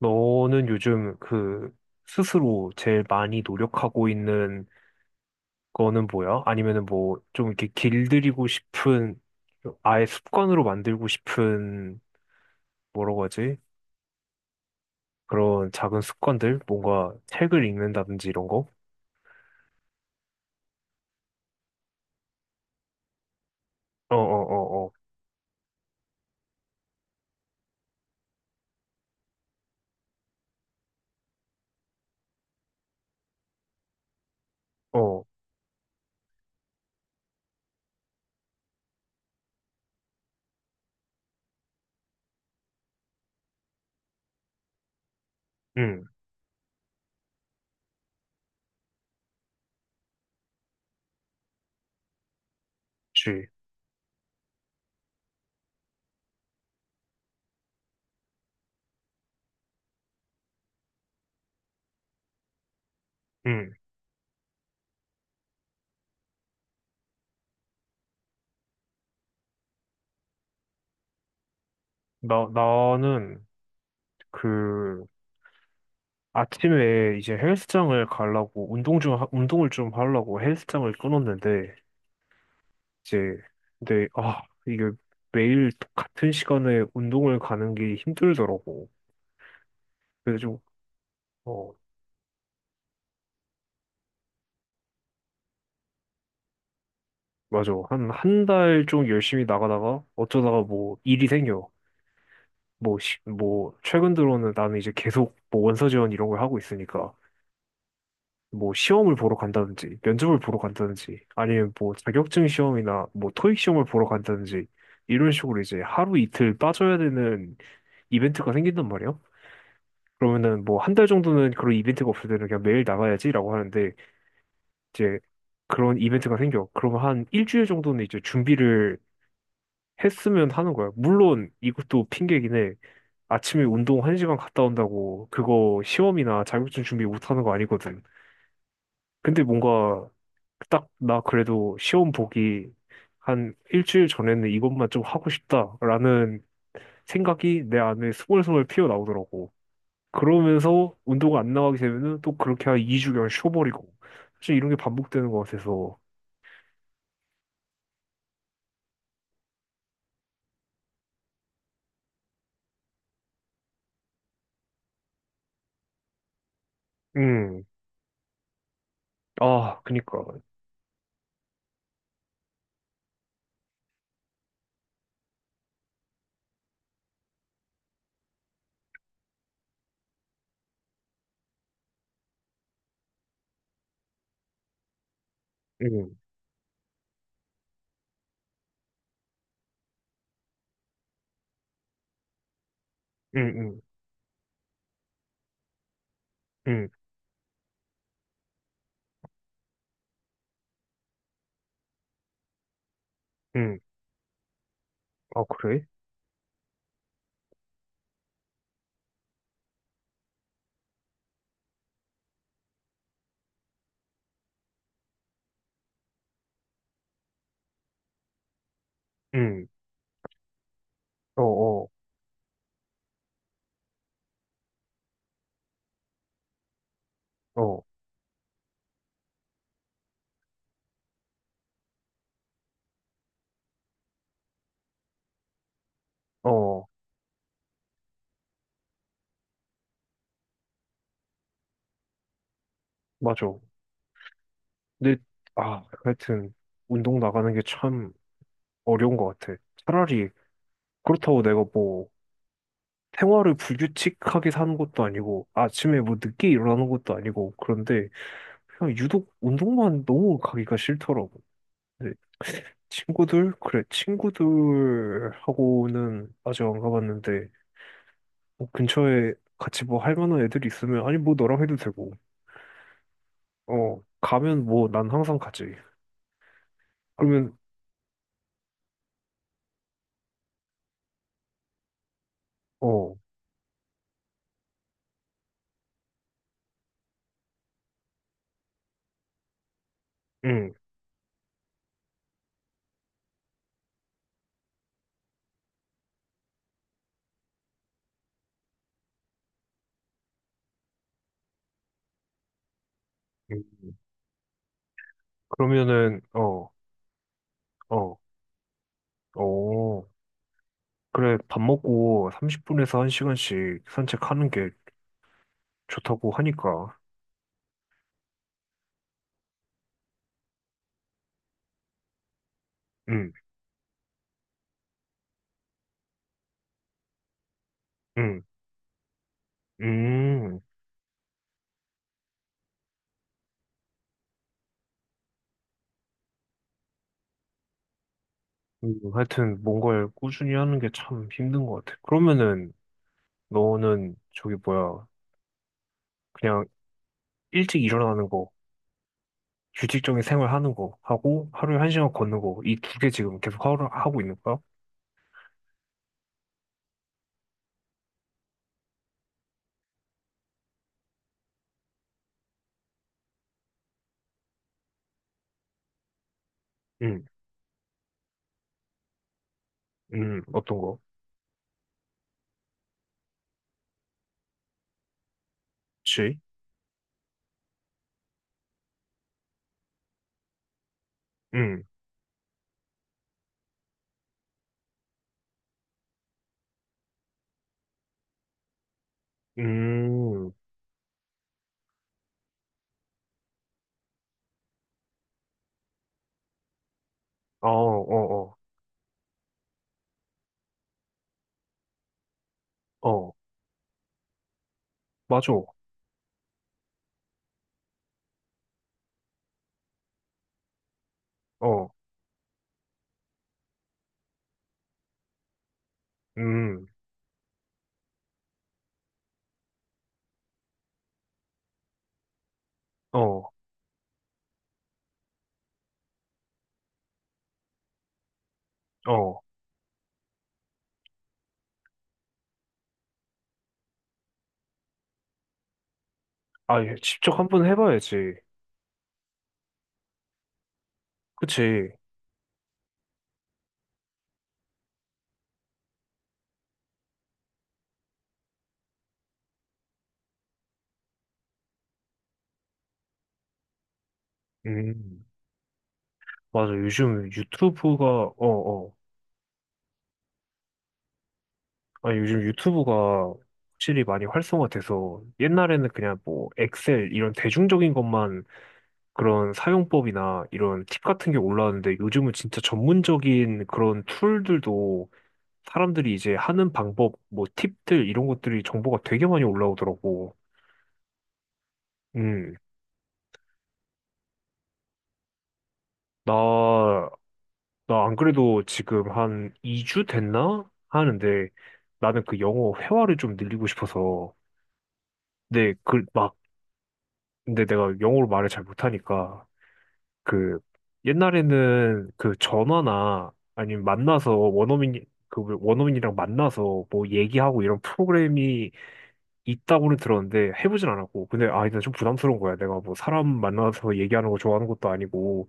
너는 요즘 그 스스로 제일 많이 노력하고 있는 거는 뭐야? 아니면은 뭐 좀 이렇게 길들이고 싶은, 아예 습관으로 만들고 싶은, 뭐라고 하지? 그런 작은 습관들? 뭔가 책을 읽는다든지 이런 거? 어, 어, 어, 어, 어, 응, 그치. 응. 나는 그 아침에 이제 헬스장을 가려고 운동 좀, 운동을 좀 하려고 헬스장을 끊었는데 이제, 근데 아 이게 매일 똑같은 시간에 운동을 가는 게 힘들더라고. 그래서 좀, 어, 맞아. 한 한 달 좀 열심히 나가다가 어쩌다가 뭐 일이 생겨. 뭐 최근 들어는 나는 이제 계속 뭐 원서 지원 이런 걸 하고 있으니까 뭐 시험을 보러 간다든지 면접을 보러 간다든지 아니면 뭐 자격증 시험이나 뭐 토익 시험을 보러 간다든지 이런 식으로 이제 하루 이틀 빠져야 되는 이벤트가 생긴단 말이야. 그러면은 뭐 한 달 정도는 그런 이벤트가 없을 때는 그냥 매일 나가야지라고 하는데, 이제 그런 이벤트가 생겨. 그러면 한 일주일 정도는 이제 준비를 했으면 하는 거야. 물론 이것도 핑계긴 해. 아침에 운동 한시간 갔다 온다고 그거 시험이나 자격증 준비 못 하는 거 아니거든. 근데 뭔가 딱, 나 그래도 시험 보기 한 일주일 전에는 이것만 좀 하고 싶다라는 생각이 내 안에 스멀스멀 피어나오더라고. 그러면서 운동 안 나가게 되면은 또 그렇게 한 2주간 쉬어버리고. 사실 이런 게 반복되는 것 같아서. 음, 아, 그니까. 음, 음, 음, 음, 음. 아, 그래? 음, 어, 어, 어, 어, 맞아. 근데, 아, 하여튼, 운동 나가는 게 참 어려운 것 같아. 차라리, 그렇다고 내가 뭐, 생활을 불규칙하게 사는 것도 아니고, 아침에 뭐 늦게 일어나는 것도 아니고, 그런데, 그냥 유독 운동만 너무 가기가 싫더라고. 네. 친구들? 그래, 친구들하고는 아직 안 가봤는데, 뭐 근처에 같이 뭐 할 만한 애들이 있으면, 아니, 뭐 너랑 해도 되고, 어, 가면 뭐 난 항상 가지. 그러면, 어, 응, 응. 그러면은, 어, 어, 어, 그래, 밥 먹고 30분에서 1시간씩 산책하는 게 좋다고 하니까, 응, 응, 음, 하여튼 뭔가를 꾸준히 하는 게 참 힘든 것 같아. 그러면은, 너는 저기 뭐야, 그냥 일찍 일어나는 거, 규칙적인 생활하는 거 하고 하루에 한 시간 걷는 거 이 두 개 지금 계속 하루 하고 있는 거야? 음, 어떤 거? 그치? 음, 음, 어, 어, 어, 어, 맞아. 어, 음, 어, 어. 아, 예, 직접 한번 해봐야지. 그치? 음, 맞아. 요즘 유튜브가, 어, 어. 아, 요즘 유튜브가 확실히 많이 활성화돼서 옛날에는 그냥 뭐 엑셀 이런 대중적인 것만, 그런 사용법이나 이런 팁 같은 게 올라왔는데 요즘은 진짜 전문적인 그런 툴들도 사람들이 이제 하는 방법, 뭐 팁들 이런 것들이 정보가 되게 많이 올라오더라고. 음, 나, 나 안 그래도 지금 한 2주 됐나? 하는데, 나는 그 영어 회화를 좀 늘리고 싶어서. 근데 그 막, 근데 내가 영어로 말을 잘 못하니까, 그 옛날에는 그 전화나 아니면 만나서 원어민 그 원어민이랑 만나서 뭐 얘기하고 이런 프로그램이 있다고는 들었는데 해보진 않았고. 근데 아 일단 좀 부담스러운 거야. 내가 뭐 사람 만나서 얘기하는 거 좋아하는 것도 아니고,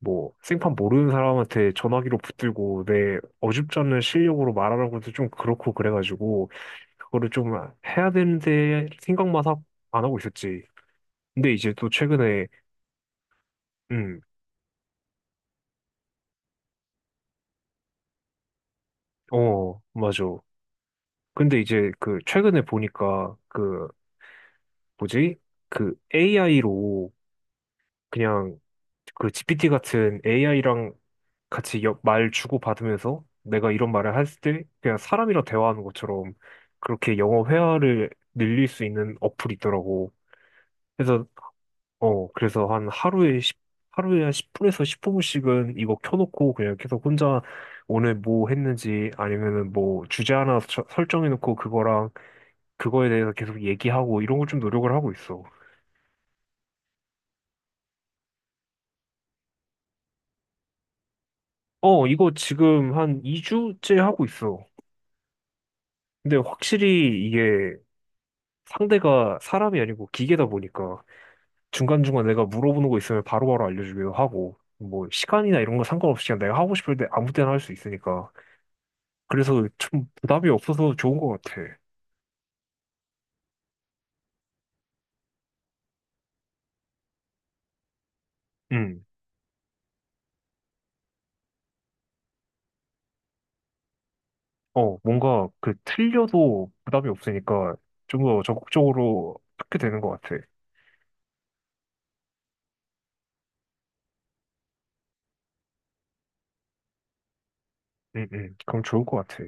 뭐 생판 모르는 사람한테 전화기로 붙들고 내 어줍잖은 실력으로 말하는 것도 좀 그렇고 그래가지고 그거를 좀 해야 되는데, 안 하고 있었지. 근데 이제 또 최근에, 음, 어 맞아, 근데 이제 그 최근에 보니까 그 뭐지? 그 AI로 그냥, 그 GPT 같은 AI랑 같이 말 주고받으면서 내가 이런 말을 했을 때 그냥 사람이랑 대화하는 것처럼 그렇게 영어 회화를 늘릴 수 있는 어플이 있더라고. 그래서 어 그래서 한 하루에 10 하루에 한 십 분에서 15분씩은 이거 켜놓고 그냥 계속 혼자 오늘 뭐 했는지 아니면은 뭐 설정해놓고 그거랑 그거에 대해서 계속 얘기하고 이런 걸 좀 노력을 하고 있어. 어, 이거 지금 한 2주째 하고 있어. 근데 확실히 이게 상대가 사람이 아니고 기계다 보니까 중간중간 내가 물어보는 거 있으면 바로바로 알려주기도 하고 뭐 시간이나 이런 거 상관없이 그냥 내가 하고 싶을 때 아무 때나 할 수 있으니까, 그래서 좀 부담이 없어서 좋은 것 같아. 음, 어, 뭔가 그 틀려도 부담이 없으니까 좀 더 적극적으로 하게 되는 것 같아. 그럼 좋을 것 같아.